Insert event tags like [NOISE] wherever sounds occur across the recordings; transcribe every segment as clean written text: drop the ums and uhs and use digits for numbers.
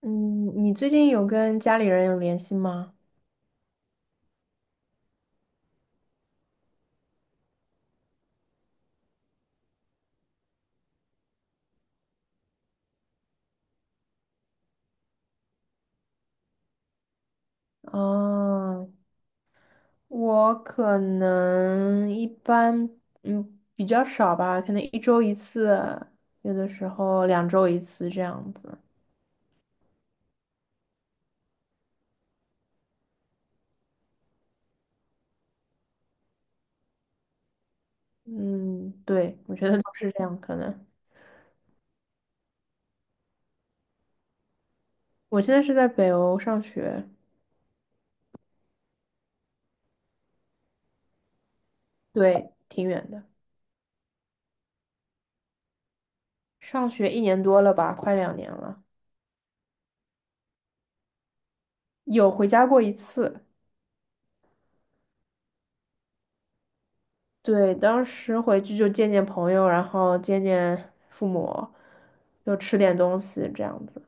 嗯，你最近有跟家里人有联系吗？哦，我可能一般，嗯，比较少吧，可能1周1次，有的时候2周1次这样子。嗯，对，我觉得都是这样，可能。我现在是在北欧上学，对，挺远的，上学1年多了吧，快2年了，有回家过一次。对，当时回去就见见朋友，然后见见父母，就吃点东西这样子。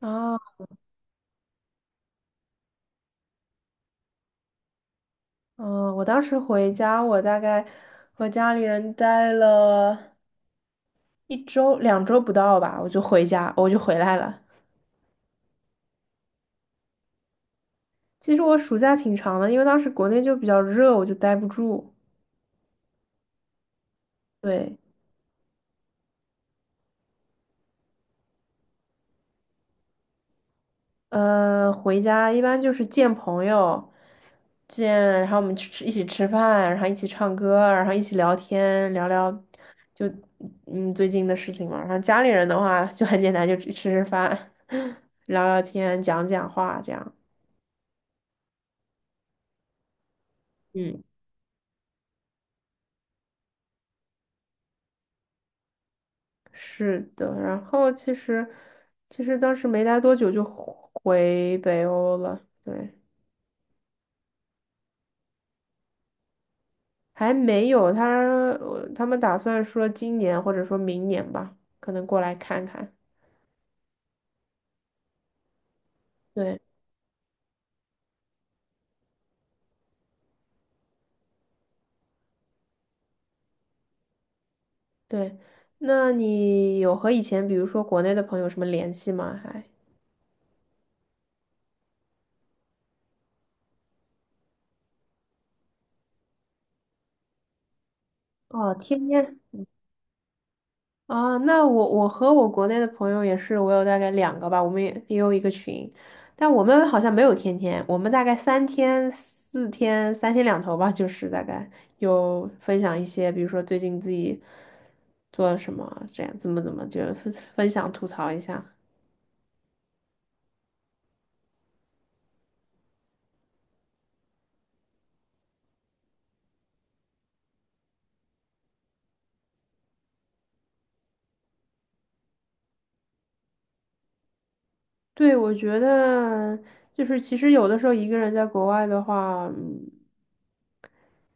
啊，嗯，我当时回家，我大概和家里人待了1周、2周不到吧，我就回家，我就回来了。其实我暑假挺长的，因为当时国内就比较热，我就待不住。对。回家一般就是见朋友，见，然后我们去吃，一起吃饭，然后一起唱歌，然后一起聊天，聊聊就最近的事情嘛。然后家里人的话就很简单，就吃吃饭，[LAUGHS] 聊聊天，讲讲话这样。嗯，是的。然后其实当时没待多久就回北欧了，对，还没有他，他们打算说今年或者说明年吧，可能过来看看。对。对，那你有和以前，比如说国内的朋友什么联系吗？哦，天天啊，那我和我国内的朋友也是，我有大概两个吧，我们也有一个群，但我们好像没有天天，我们大概3天、4天、三天两头吧，就是大概有分享一些，比如说最近自己做了什么，这样怎么怎么，就是分享吐槽一下。对，我觉得就是其实有的时候一个人在国外的话。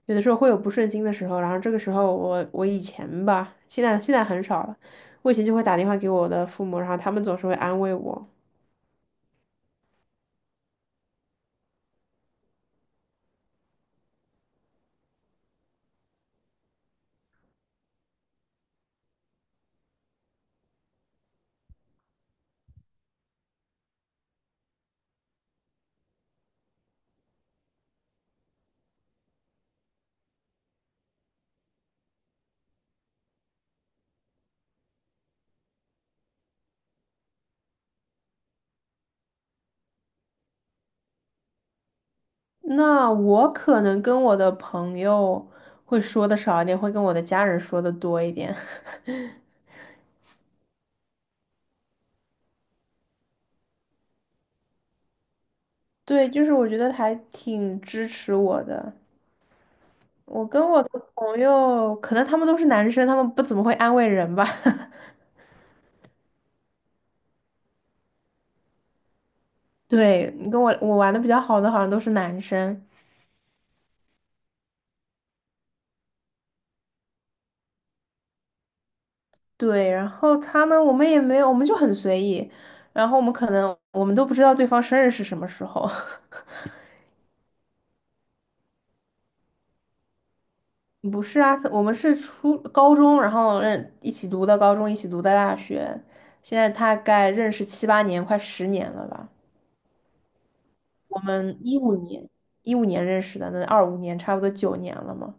有的时候会有不顺心的时候，然后这个时候我以前吧，现在很少了，我以前就会打电话给我的父母，然后他们总是会安慰我。那我可能跟我的朋友会说的少一点，会跟我的家人说的多一点。[LAUGHS] 对，就是我觉得还挺支持我的。我跟我的朋友，可能他们都是男生，他们不怎么会安慰人吧。[LAUGHS] 对，你跟我玩的比较好的，好像都是男生。对，然后他们我们也没有，我们就很随意，然后我们可能我们都不知道对方生日是什么时候。[LAUGHS] 不是啊，我们是初高中，然后认一起读的高中，一起读的大学，现在大概认识7、8年，快10年了吧。我们一五年认识的，那2025年差不多9年了嘛。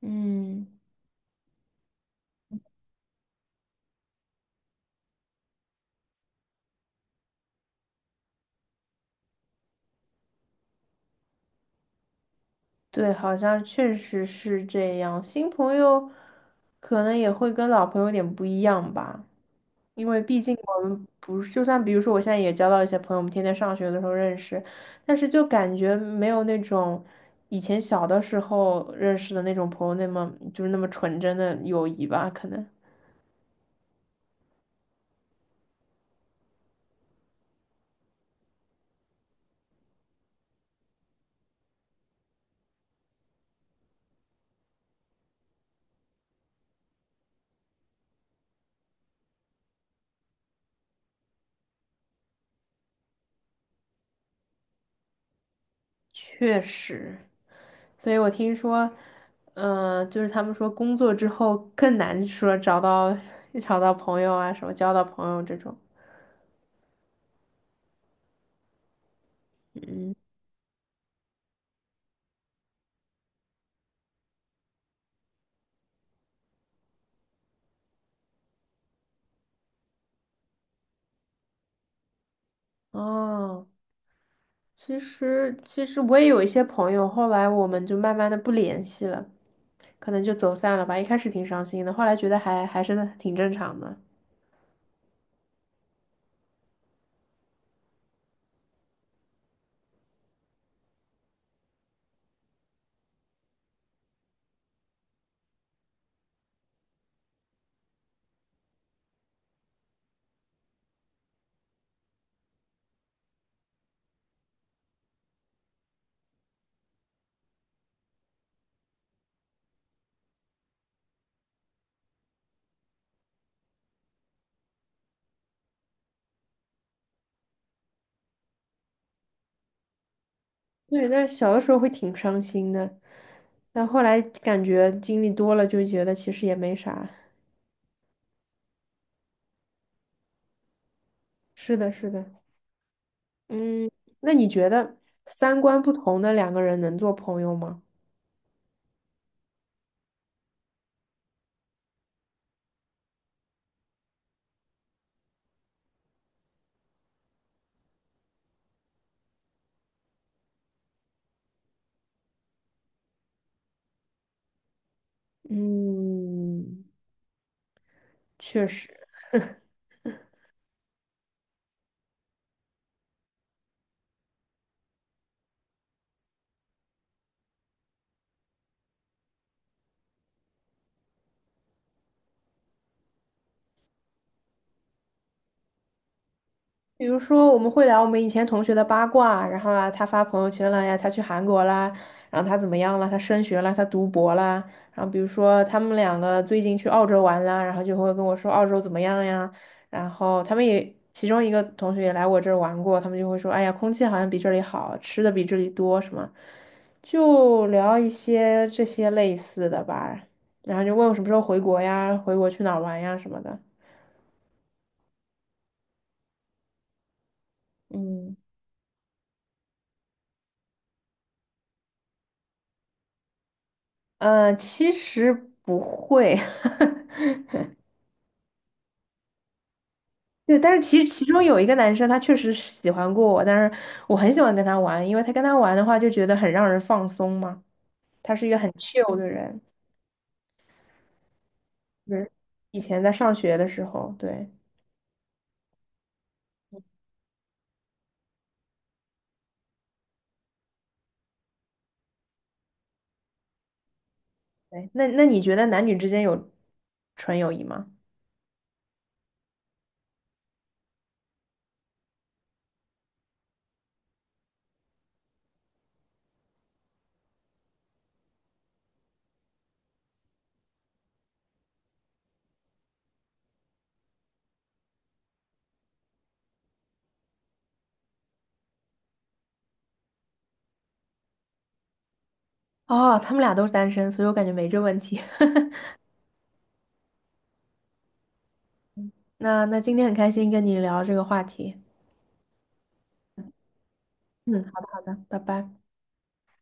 嗯，对，好像确实是这样。新朋友可能也会跟老朋友有点不一样吧，因为毕竟我们不是，就算比如说我现在也交到一些朋友，我们天天上学的时候认识，但是就感觉没有那种以前小的时候认识的那种朋友那么就是那么纯真的友谊吧，可能确实。所以我听说，嗯、就是他们说工作之后更难说找到 [LAUGHS] 找到朋友啊，什么交到朋友这种。哦，其实我也有一些朋友，后来我们就慢慢的不联系了，可能就走散了吧。一开始挺伤心的，后来觉得还是挺正常的。对，但是小的时候会挺伤心的，但后来感觉经历多了，就觉得其实也没啥。是的，是的。嗯，那你觉得三观不同的2个人能做朋友吗？嗯，确实。比如说，我们会聊我们以前同学的八卦，然后啊，他发朋友圈了呀，他去韩国啦，然后他怎么样了，他升学了，他读博啦，然后比如说他们两个最近去澳洲玩啦，然后就会跟我说澳洲怎么样呀，然后他们也其中一个同学也来我这儿玩过，他们就会说，哎呀，空气好像比这里好，吃的比这里多什么，就聊一些这些类似的吧，然后就问我什么时候回国呀，回国去哪儿玩呀什么的，嗯。其实不会，[LAUGHS] 对，但是其实其中有一个男生，他确实是喜欢过我，但是我很喜欢跟他玩，因为他跟他玩的话就觉得很让人放松嘛。他是一个很 chill 的人，就是以前在上学的时候，对，对，那那你觉得男女之间有纯友谊吗？哦，他们俩都是单身，所以我感觉没这问题。[LAUGHS] 那那今天很开心跟你聊这个话题。嗯，好的好的，拜拜。